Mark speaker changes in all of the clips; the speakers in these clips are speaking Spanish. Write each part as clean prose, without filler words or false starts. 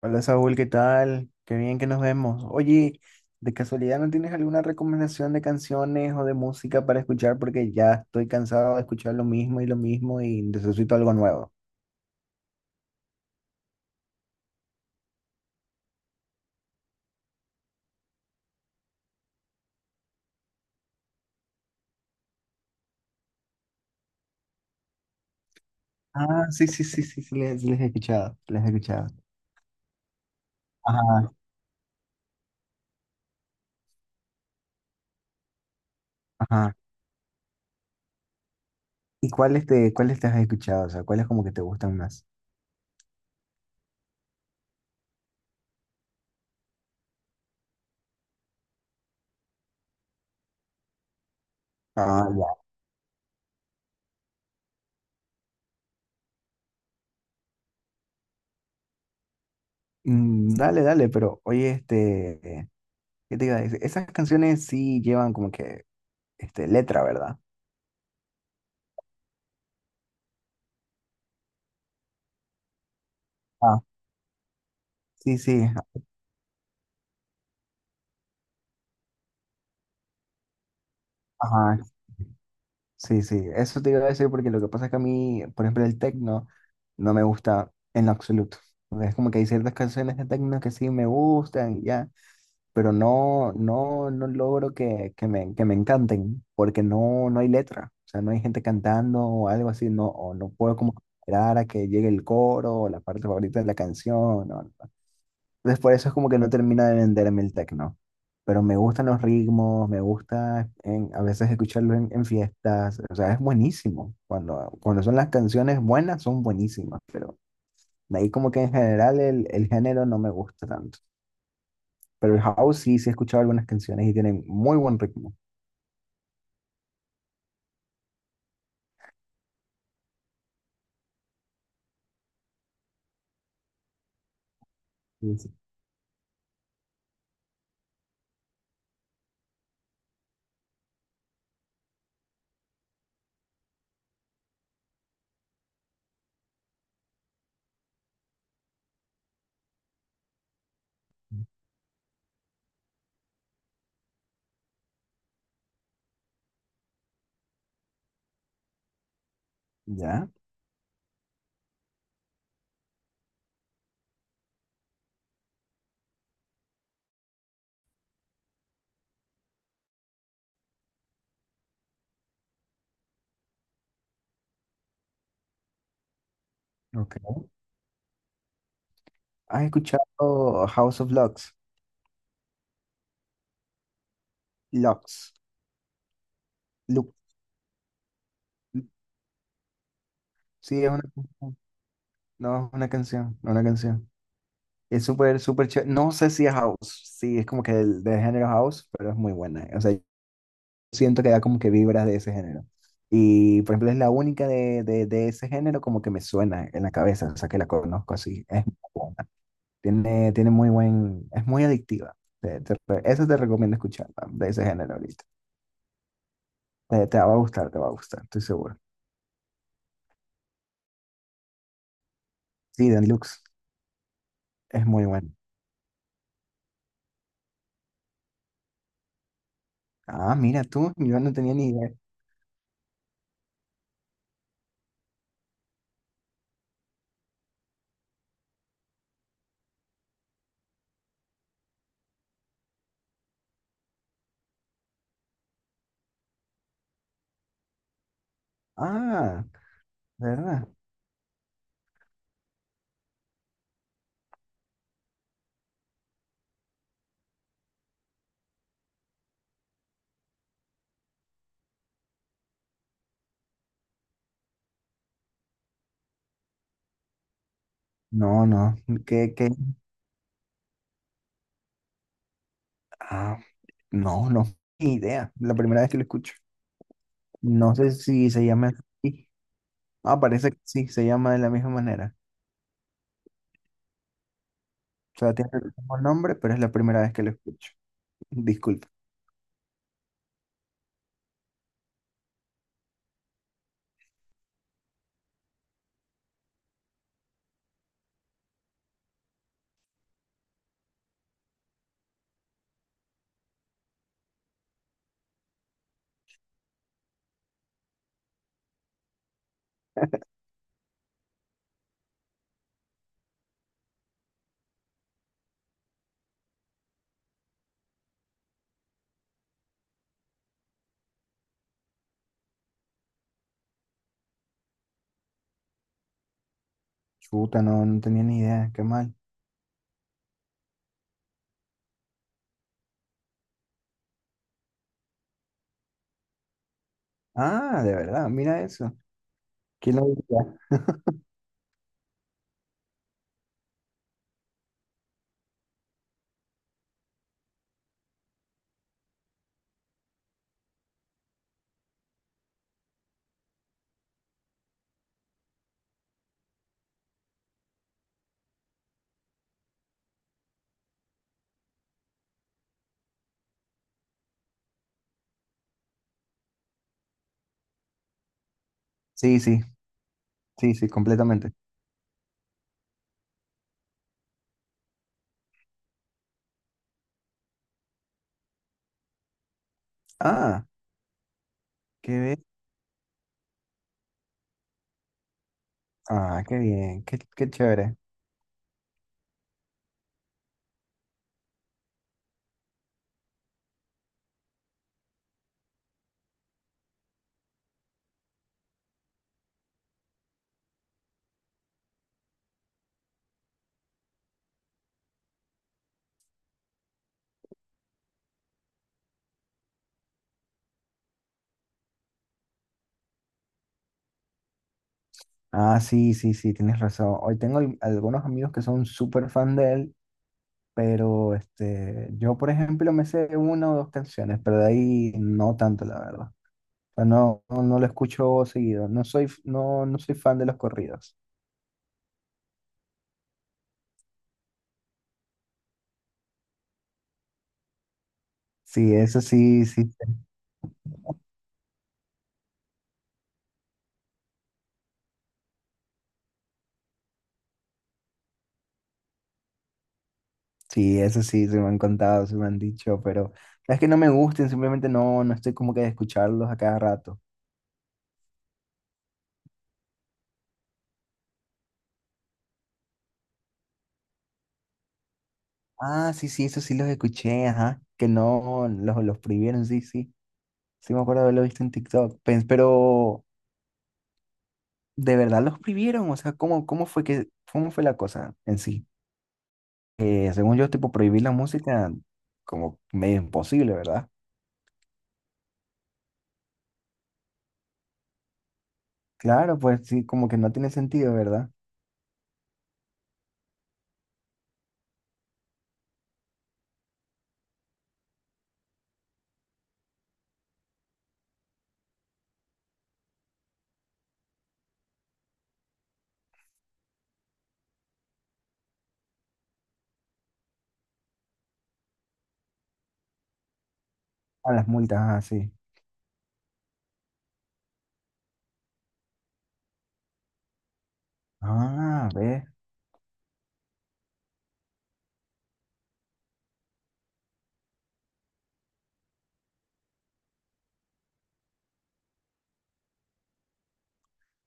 Speaker 1: Hola Saúl, ¿qué tal? Qué bien que nos vemos. Oye, ¿de casualidad no tienes alguna recomendación de canciones o de música para escuchar? Porque ya estoy cansado de escuchar lo mismo y necesito algo nuevo. Ah, sí, sí, sí, sí, sí, les he escuchado, les he escuchado. Ajá, ajá. ¿Y cuáles te has escuchado? O sea, ¿cuáles como que te gustan más? Ah, ya. Mm, dale, dale, pero oye, ¿qué te iba a decir? Esas canciones sí llevan como que, este, letra, ¿verdad? Ah, sí, sí, ajá. Sí, sí, eso te iba a decir porque lo que pasa es que a mí, por ejemplo, el techno no me gusta en lo absoluto. O sea, es como que hay ciertas canciones de techno que sí me gustan, y ya, pero no logro que me encanten porque no, no hay letra. O sea, no hay gente cantando o algo así, no, o no puedo como esperar a que llegue el coro o la parte favorita de la canción. No, no. Entonces por eso es como que no termina de venderme el techno. Pero me gustan los ritmos, me gusta a veces escucharlo en fiestas. O sea, es buenísimo. Cuando son las canciones buenas, son buenísimas. Pero de ahí como que en general el género no me gusta tanto. Pero el house sí, sí he escuchado algunas canciones y tienen muy buen ritmo. Sí, sí. ¿Ya? Ok. ¿Has escuchado House of Lux? Lux. Lux. Sí, es una, no, es una canción, una canción. Es súper, súper chévere. No sé si es house, sí, es como que del género house, pero es muy buena. O sea, yo siento que da como que vibras de ese género. Y, por ejemplo, es la única de ese género como que me suena en la cabeza, o sea, que la conozco así. Es muy buena. Tiene muy buen, es muy adictiva. Eso te recomiendo escuchar, man, de ese género ahorita. Te va a gustar, te va a gustar, estoy seguro. Sí, Dan Lux, es muy bueno. Ah, mira tú, yo no tenía ni idea. Ah, ¿verdad? No, no. ¿Qué, qué? Ah, no, no, ni idea. La primera vez que lo escucho. No sé si se llama así. Ah, parece que sí, se llama de la misma manera. O sea, tiene el mismo nombre, pero es la primera vez que lo escucho. Disculpa. Chuta, no, no tenía ni idea. Qué mal. Ah, de verdad, mira eso. ¿Quién lo diría? Sí, sí, sí, sí, completamente. Ah, qué bien. Ah, qué bien, qué, qué chévere. Ah, sí, sí, sí, tienes razón. Hoy tengo algunos amigos que son súper fan de él. Pero este, yo, por ejemplo, me sé una o dos canciones, pero de ahí no tanto, la verdad. O sea, no lo escucho seguido. No soy, no soy fan de los corridos. Sí, eso sí, sí, sí, eso sí, se me han contado, se me han dicho, pero no es que no me gusten, simplemente no estoy como que de escucharlos a cada rato. Ah, sí, sí, eso sí los escuché, ajá, que no, los prohibieron, sí, sí. Sí me acuerdo haberlo visto en TikTok. Pero ¿de verdad los prohibieron? O sea, cómo fue la cosa en sí? Eh, según yo, tipo, prohibir la música como medio imposible, ¿verdad? Claro, pues sí, como que no tiene sentido, ¿verdad? A las multas, así. Ah, sí. Ah, ve.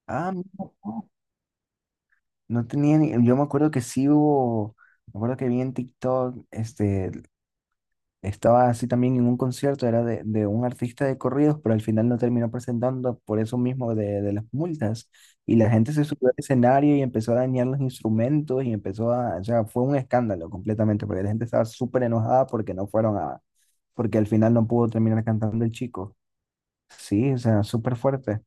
Speaker 1: Ah, mira, no, no tenía ni... Yo me acuerdo que sí hubo, me acuerdo que vi en TikTok, este, estaba así también en un concierto, era de un artista de corridos, pero al final no terminó presentando por eso mismo de las multas. Y la gente se subió al escenario y empezó a dañar los instrumentos y empezó a, o sea, fue un escándalo completamente, porque la gente estaba súper enojada porque no fueron a, porque al final no pudo terminar cantando el chico. Sí, o sea, súper fuerte.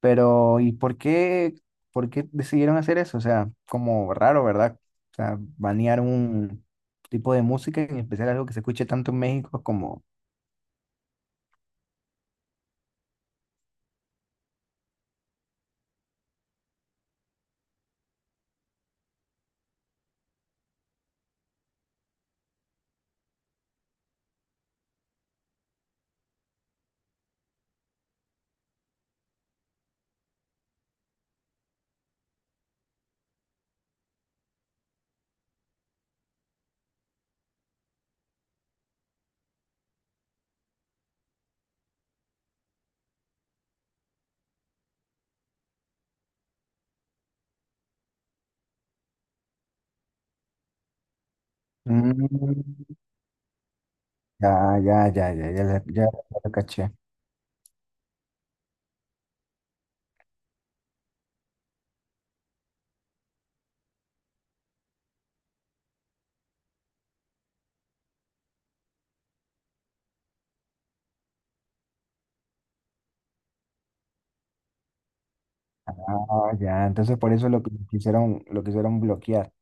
Speaker 1: Pero, por qué decidieron hacer eso? O sea, como raro, ¿verdad? O sea, banear un tipo de música, en especial algo que se escuche tanto en México como... Mm, ya, ya, ya, ya, ya, ya, lo caché. Ah, ya, entonces por eso lo que quisieron, lo quisieron bloquear.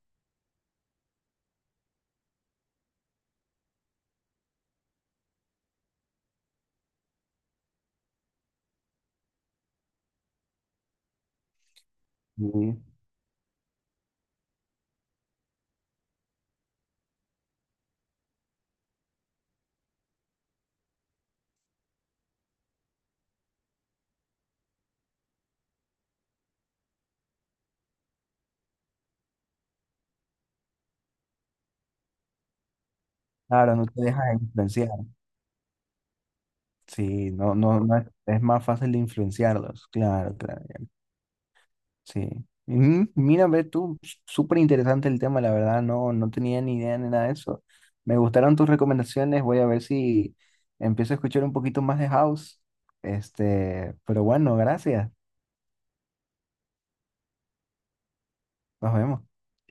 Speaker 1: Sí. Claro, no te dejas influenciar. Sí, no es, es más fácil de influenciarlos. Claro, claro. Sí. Mm, mira, ve tú, súper interesante el tema, la verdad, no, no tenía ni idea ni nada de eso. Me gustaron tus recomendaciones, voy a ver si empiezo a escuchar un poquito más de house. Este, pero bueno, gracias. Nos vemos.